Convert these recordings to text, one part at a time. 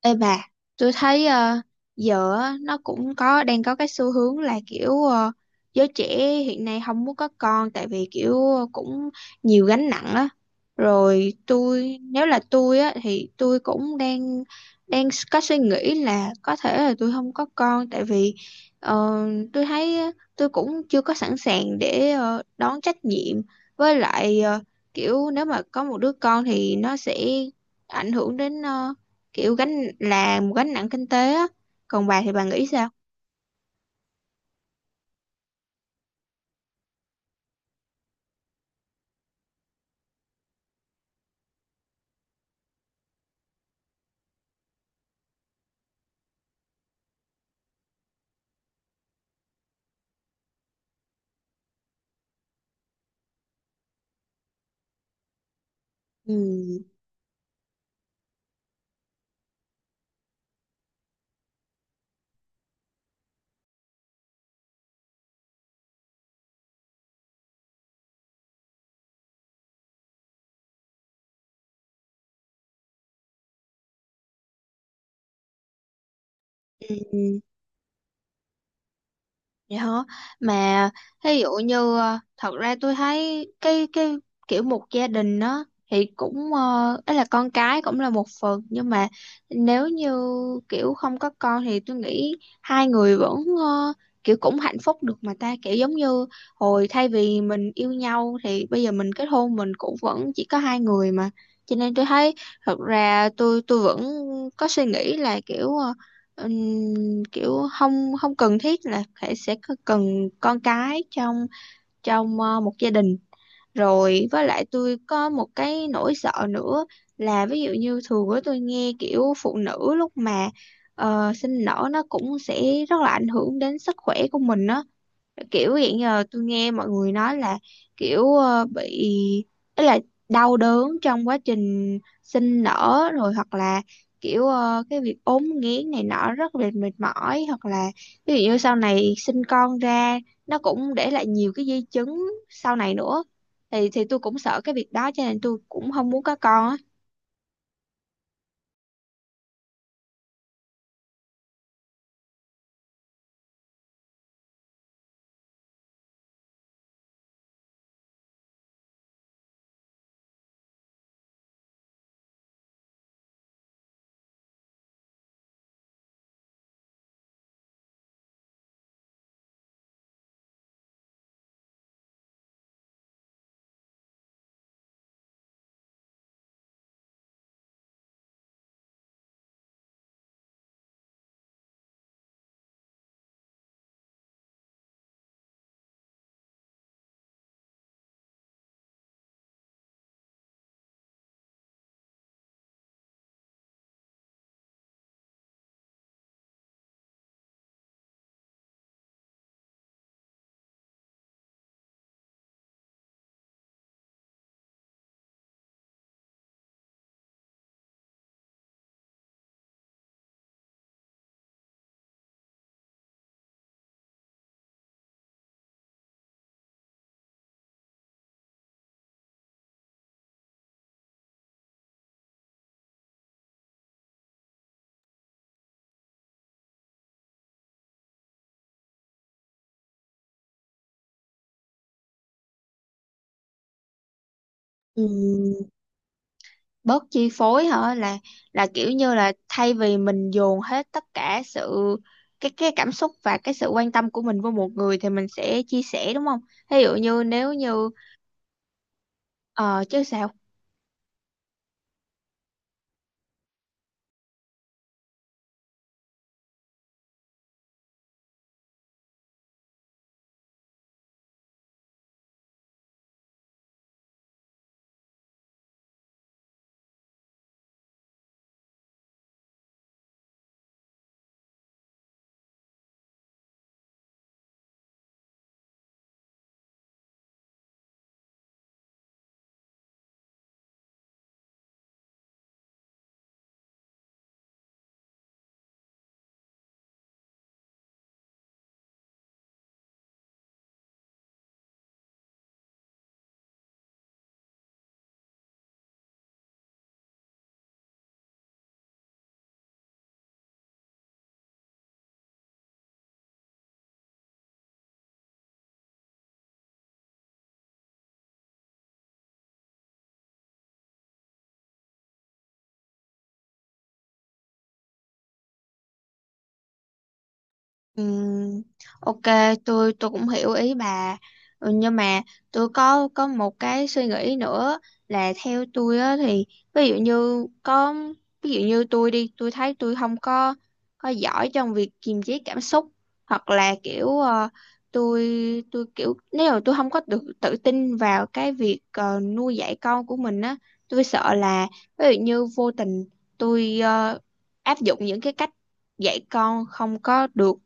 Ê bà, tôi thấy giờ á, nó cũng có đang có cái xu hướng là kiểu giới trẻ hiện nay không muốn có con, tại vì kiểu cũng nhiều gánh nặng á. Rồi tôi, nếu là tôi á thì tôi cũng đang đang có suy nghĩ là có thể là tôi không có con, tại vì ờ, tôi thấy á, tôi cũng chưa có sẵn sàng để đón trách nhiệm, với lại kiểu nếu mà có một đứa con thì nó sẽ ảnh hưởng đến, kiểu gánh là một gánh nặng kinh tế á, còn bà thì bà nghĩ sao? Ừ. Ừ. Vậy hả? Mà ví dụ như thật ra tôi thấy cái kiểu một gia đình đó thì cũng ấy, là con cái cũng là một phần, nhưng mà nếu như kiểu không có con thì tôi nghĩ hai người vẫn ờ, kiểu cũng hạnh phúc được mà ta, kiểu giống như hồi thay vì mình yêu nhau thì bây giờ mình kết hôn, mình cũng vẫn chỉ có hai người mà, cho nên tôi thấy thật ra tôi vẫn có suy nghĩ là kiểu kiểu không không cần thiết là phải cần con cái trong trong một gia đình. Rồi với lại tôi có một cái nỗi sợ nữa, là ví dụ như thường á, tôi nghe kiểu phụ nữ lúc mà sinh nở nó cũng sẽ rất là ảnh hưởng đến sức khỏe của mình á, kiểu hiện giờ tôi nghe mọi người nói là kiểu bị ý, là đau đớn trong quá trình sinh nở, rồi hoặc là kiểu cái việc ốm nghén này nọ rất là mệt mỏi, hoặc là ví dụ như sau này sinh con ra nó cũng để lại nhiều cái di chứng sau này nữa, thì tôi cũng sợ cái việc đó, cho nên tôi cũng không muốn có con á. Ừ, bớt chi phối hả? Là kiểu như là thay vì mình dồn hết tất cả sự, cái cảm xúc và cái sự quan tâm của mình với một người, thì mình sẽ chia sẻ, đúng không? Ví dụ như nếu như ờ chứ sao. Ừm, ok, tôi cũng hiểu ý bà. Ừ, nhưng mà tôi có một cái suy nghĩ nữa, là theo tôi á thì, ví dụ như có ví dụ như tôi thấy tôi không có giỏi trong việc kiềm chế cảm xúc, hoặc là kiểu tôi kiểu nếu mà tôi không có được tự tin vào cái việc nuôi dạy con của mình á, tôi sợ là ví dụ như vô tình tôi áp dụng những cái cách dạy con không có được,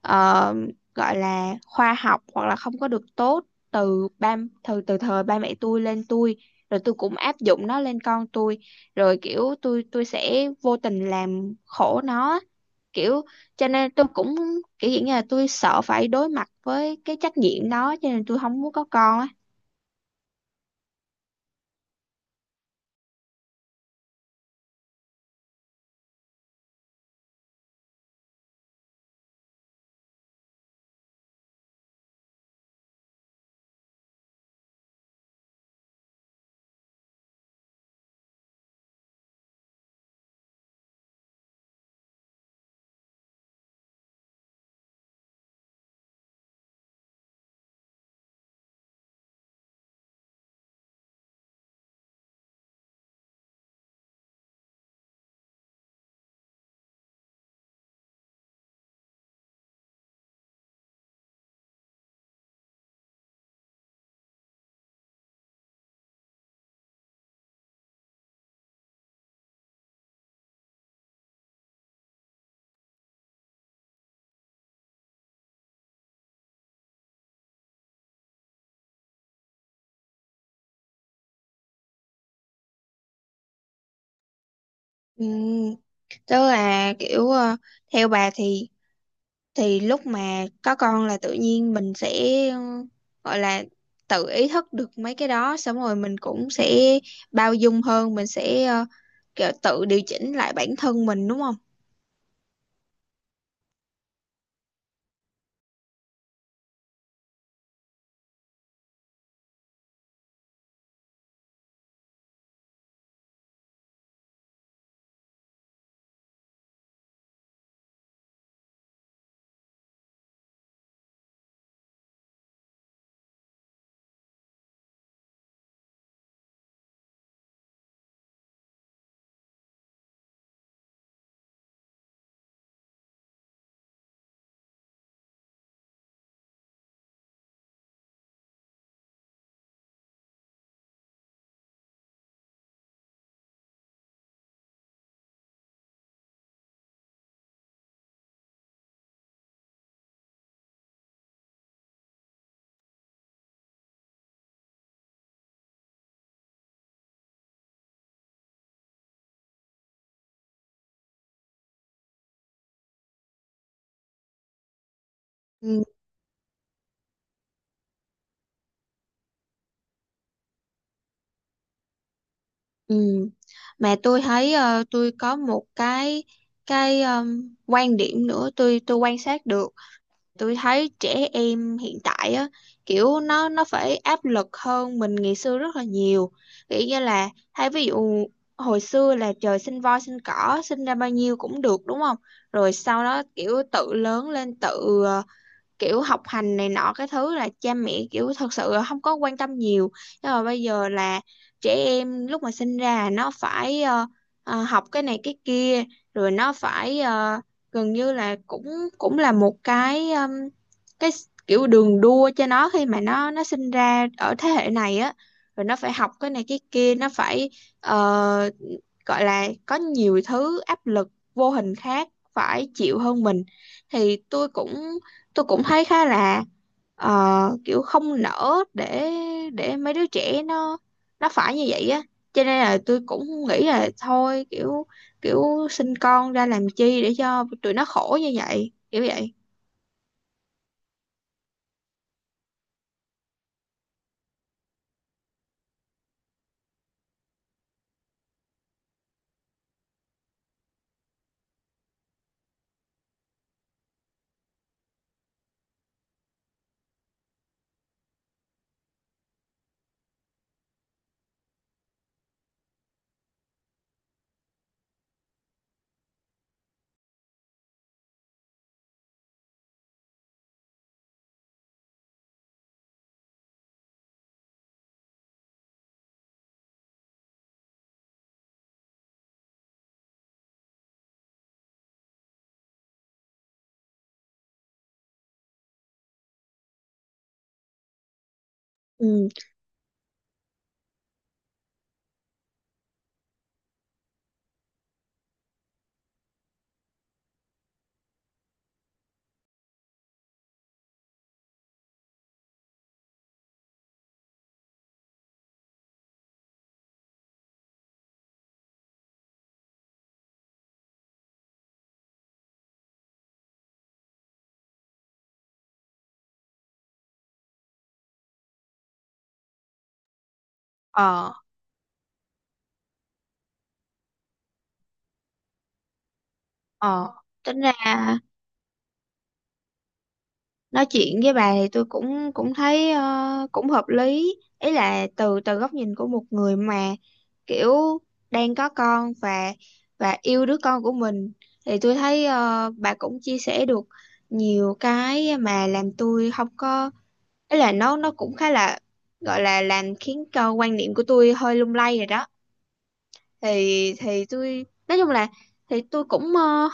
ờ, gọi là khoa học, hoặc là không có được tốt, từ ba từ thời ba mẹ tôi lên tôi, rồi tôi cũng áp dụng nó lên con tôi, rồi kiểu tôi sẽ vô tình làm khổ nó, kiểu cho nên tôi cũng kiểu dạng như là tôi sợ phải đối mặt với cái trách nhiệm đó, cho nên tôi không muốn có con á. Ừ, tức là kiểu theo bà thì lúc mà có con là tự nhiên mình sẽ, ừ, gọi là tự ý thức được mấy cái đó, xong rồi mình cũng sẽ bao dung hơn, mình sẽ kiểu tự điều chỉnh lại bản thân mình, đúng không? Ừ, ừ. Mà tôi thấy tôi có một cái quan điểm nữa, tôi quan sát được. Tôi thấy trẻ em hiện tại á, kiểu nó phải áp lực hơn mình ngày xưa rất là nhiều, kiểu như là hay ví dụ, hồi xưa là trời sinh voi sinh cỏ, sinh ra bao nhiêu cũng được, đúng không? Rồi sau đó kiểu tự lớn lên, tự kiểu học hành này nọ, cái thứ là cha mẹ kiểu thật sự là không có quan tâm nhiều. Nhưng mà bây giờ là trẻ em lúc mà sinh ra nó phải, học cái này cái kia, rồi nó phải gần như là cũng cũng là một cái kiểu đường đua cho nó, khi mà nó sinh ra ở thế hệ này á, rồi nó phải học cái này cái kia, nó phải ờ, gọi là có nhiều thứ áp lực vô hình khác phải chịu hơn mình. Thì tôi cũng thấy khá là ờ, kiểu không nỡ để mấy đứa trẻ nó phải như vậy á, cho nên là tôi cũng nghĩ là thôi, kiểu kiểu sinh con ra làm chi để cho tụi nó khổ như vậy, kiểu vậy. Ừ. ờ ờ Tính ra nói chuyện với bà thì tôi cũng cũng thấy cũng hợp lý, ý là từ từ góc nhìn của một người mà kiểu đang có con, và yêu đứa con của mình, thì tôi thấy bà cũng chia sẻ được nhiều cái mà làm tôi không có, ý là nó cũng khá là, gọi là làm khiến cho quan niệm của tôi hơi lung lay rồi đó. Thì tôi nói chung là, thì tôi cũng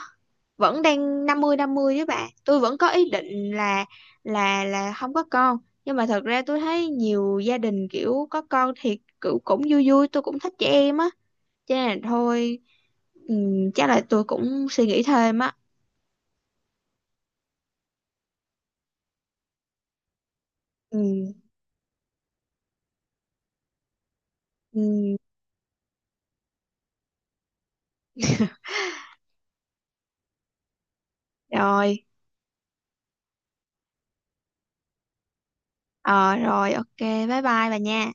vẫn đang 50-50 với bạn, tôi vẫn có ý định là không có con. Nhưng mà thật ra tôi thấy nhiều gia đình kiểu có con thì cũng vui vui, tôi cũng thích trẻ em á, cho nên là thôi. Ừm, chắc là tôi cũng suy nghĩ thêm á. Ừm. Ừm. Rồi. Ờ Rồi, ok, bye bye bà nha.